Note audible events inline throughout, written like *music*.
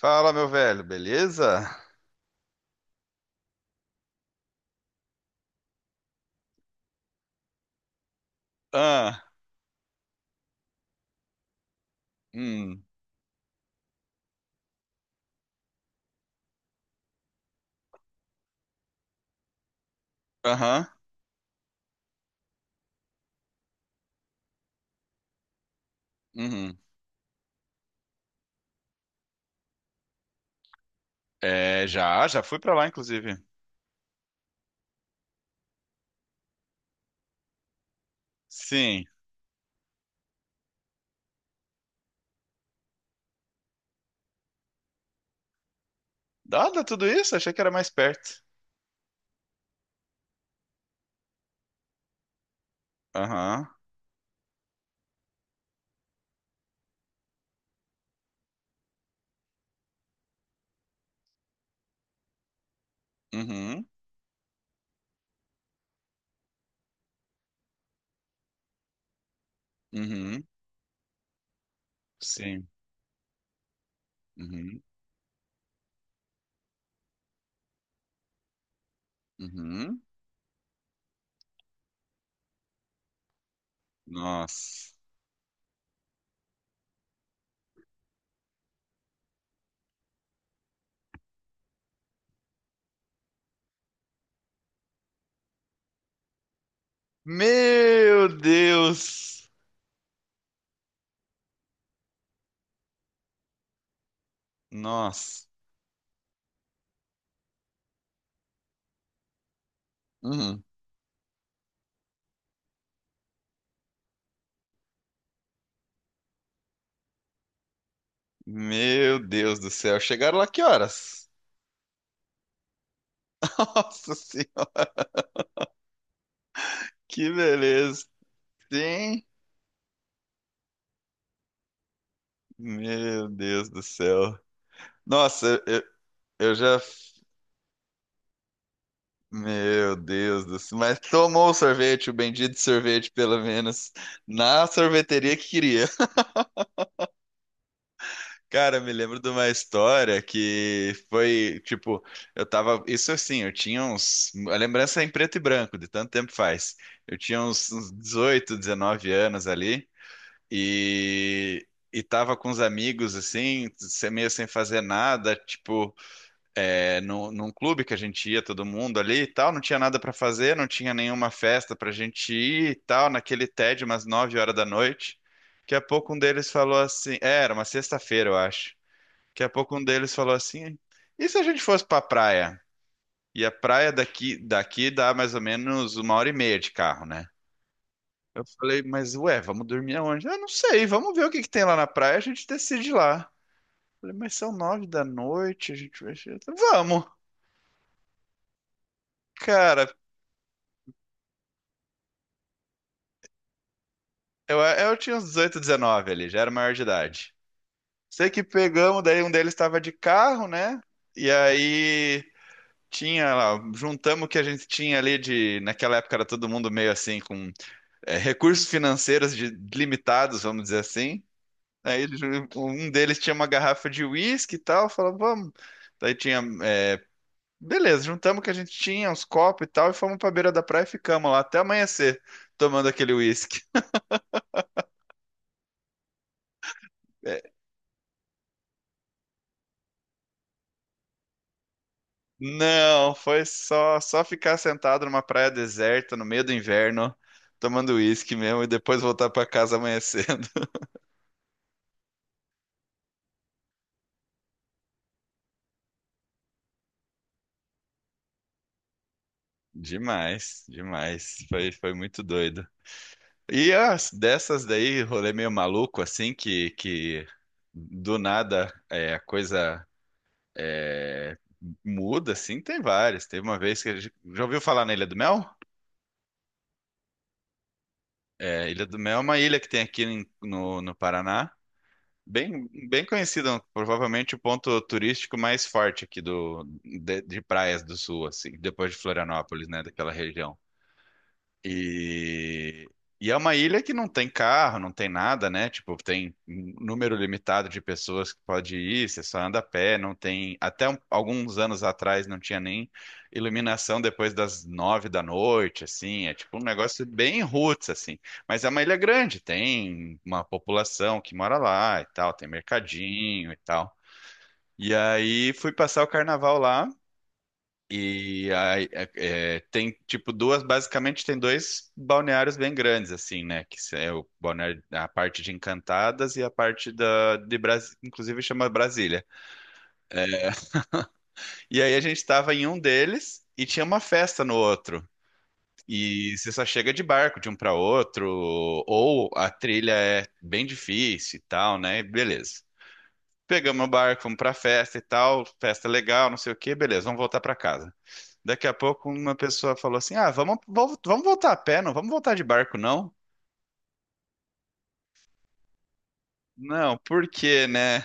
Fala, meu velho, beleza? Ah, hum, aham, uhum. É, já fui pra lá, inclusive. Sim. Dada tudo isso, achei que era mais perto. Aham, uhum, uhum, sim, uhum, uhum. Nossa. Meu Deus! Nossa. Uhum. Meu Deus do céu. Chegaram lá que horas? *laughs* Nossa Senhora, que beleza. Sim. Meu Deus do céu. Nossa, Eu já. Meu Deus do céu. Mas tomou o sorvete, o bendito sorvete, pelo menos, na sorveteria que queria. Cara, me lembro de uma história que foi, tipo, eu tava. Isso assim, eu tinha uns. A lembrança é em preto e branco, de tanto tempo faz. Eu tinha uns 18, 19 anos ali. E. E tava com os amigos, assim, meio sem fazer nada, tipo. No, num clube que a gente ia, todo mundo ali e tal, não tinha nada para fazer, não tinha nenhuma festa pra gente ir e tal, naquele TED, umas 9 horas da noite. Daqui a pouco um deles falou assim, era uma sexta-feira, eu acho. Daqui a pouco um deles falou assim, e se a gente fosse pra praia? E a praia daqui, dá mais ou menos uma hora e meia de carro, né? Eu falei, mas ué, vamos dormir aonde? Ah, não sei, vamos ver o que que tem lá na praia, a gente decide lá. Falei, mas são 9 da noite, a gente vai. Vamos! Cara, eu tinha uns 18, 19 ali, já era maior de idade. Sei que pegamos, daí um deles estava de carro, né? E aí tinha lá, juntamos o que a gente tinha ali de. Naquela época era todo mundo meio assim, com recursos financeiros limitados, vamos dizer assim. Aí ele um deles tinha uma garrafa de uísque e tal, falou, vamos. Daí tinha. Beleza, juntamos o que a gente tinha, uns copos e tal, e fomos pra beira da praia e ficamos lá até amanhecer, tomando aquele uísque. *laughs* Não, foi só ficar sentado numa praia deserta no meio do inverno, tomando uísque mesmo e depois voltar pra casa amanhecendo. *laughs* Demais, demais. Foi muito doido. E as dessas daí, rolê meio maluco assim que do nada a coisa é, muda assim, tem várias. Teve uma vez que já ouviu falar na Ilha do Mel? É, Ilha do Mel é uma ilha que tem aqui no Paraná. Bem, bem conhecido, provavelmente o ponto turístico mais forte aqui do, de praias do sul, assim, depois de Florianópolis, né, daquela região. E, e é uma ilha que não tem carro, não tem nada, né? Tipo, tem um número limitado de pessoas que pode ir, você só anda a pé, não tem. Até alguns anos atrás não tinha nem iluminação depois das 9 da noite, assim. É tipo um negócio bem roots, assim. Mas é uma ilha grande, tem uma população que mora lá e tal, tem mercadinho e tal. E aí fui passar o carnaval lá. E aí, tem, tipo, duas, basicamente tem dois balneários bem grandes, assim, né? Que é o balneário, a parte de Encantadas e a parte de Brasília, inclusive chama Brasília. E aí a gente estava em um deles e tinha uma festa no outro. E você só chega de barco de um para outro, ou a trilha é bem difícil e tal, né? E beleza. Pegamos o barco, fomos pra festa e tal, festa legal, não sei o quê, beleza, vamos voltar para casa. Daqui a pouco uma pessoa falou assim: Ah, vamos voltar a pé, não vamos voltar de barco, não? Não, por quê, né?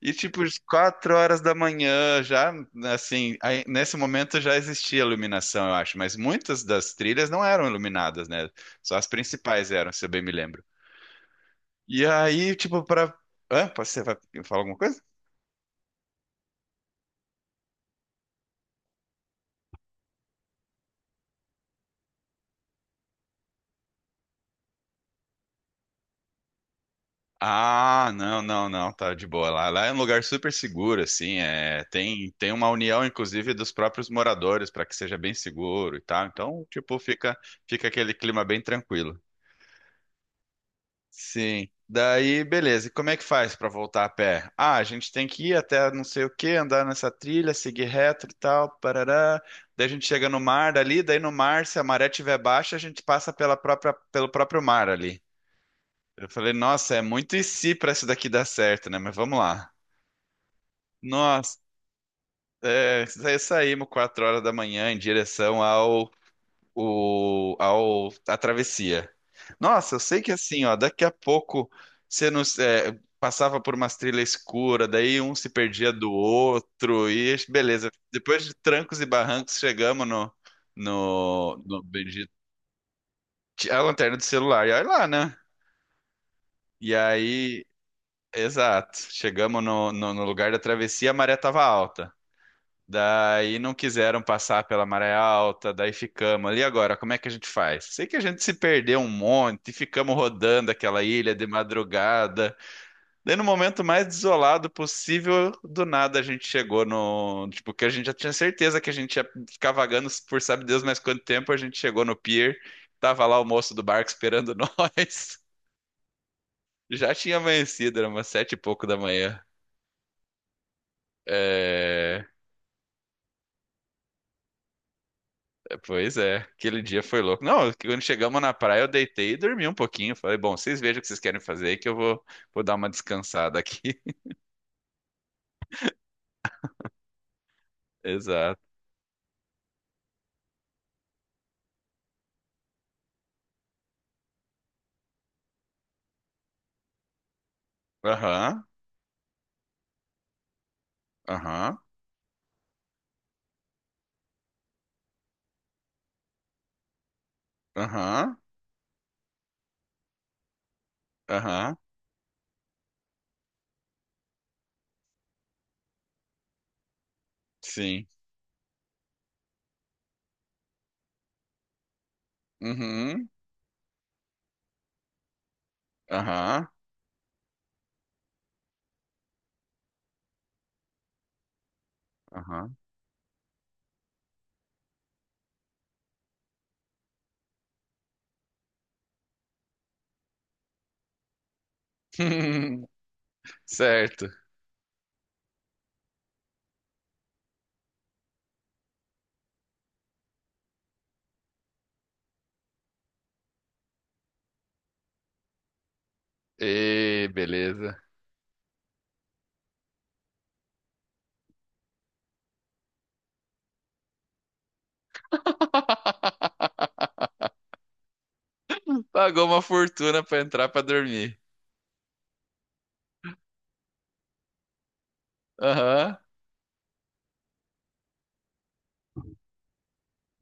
E tipo, *laughs* às 4 horas da manhã, já assim, aí, nesse momento já existia iluminação, eu acho, mas muitas das trilhas não eram iluminadas, né? Só as principais eram, se eu bem me lembro. E aí, tipo, para. Hã? Você vai falar alguma coisa. Ah, não, não, não, tá de boa. Lá é um lugar super seguro, assim. É, tem uma união, inclusive, dos próprios moradores para que seja bem seguro e tal. Então, tipo, fica aquele clima bem tranquilo. Sim. Daí, beleza. E como é que faz para voltar a pé? Ah, a gente tem que ir até não sei o que, andar nessa trilha, seguir reto e tal, parará. Daí a gente chega no mar dali, daí no mar, se a maré tiver baixa, a gente passa pela própria, pelo próprio mar ali. Eu falei, nossa, é muito e se para isso daqui dar certo, né? Mas vamos lá. Nós é, saímos 4 horas da manhã em direção ao, o, ao à travessia. Nossa, eu sei que assim, ó, daqui a pouco você nos, passava por umas trilhas escuras, daí um se perdia do outro, e beleza. Depois de trancos e barrancos, chegamos no. A lanterna do celular, e olha lá, né? E aí, exato, chegamos no lugar da travessia, a maré tava alta. Daí não quiseram passar pela maré alta, daí ficamos ali agora, como é que a gente faz? Sei que a gente se perdeu um monte, ficamos rodando aquela ilha de madrugada. Daí no momento mais desolado possível, do nada a gente chegou no, tipo, que a gente já tinha certeza que a gente ia ficar vagando por sabe Deus mais quanto tempo, a gente chegou no pier, tava lá o moço do barco esperando *laughs* nós. Já tinha amanhecido, era umas 7 e pouco da manhã. É, Pois é, aquele dia foi louco. Não, quando chegamos na praia, eu deitei e dormi um pouquinho. Falei, bom, vocês vejam o que vocês querem fazer aí que eu vou dar uma descansada aqui. *laughs* Exato. Aham, aham, aham, aham, sim. Uhum, aham, aham. *laughs* Certo. E beleza. *laughs* Pagou uma fortuna pra entrar pra dormir. Aham,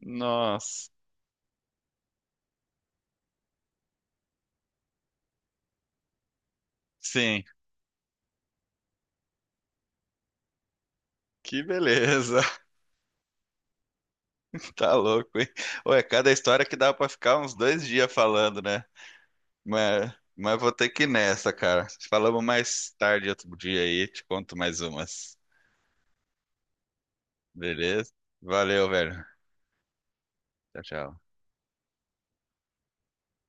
nossa. Sim, que beleza. Tá louco, hein? Ou é cada história que dá pra ficar uns dois dias falando, né? Mas vou ter que ir nessa, cara. Falamos mais tarde outro dia aí, te conto mais umas. Beleza? Valeu, velho. Tchau, tchau.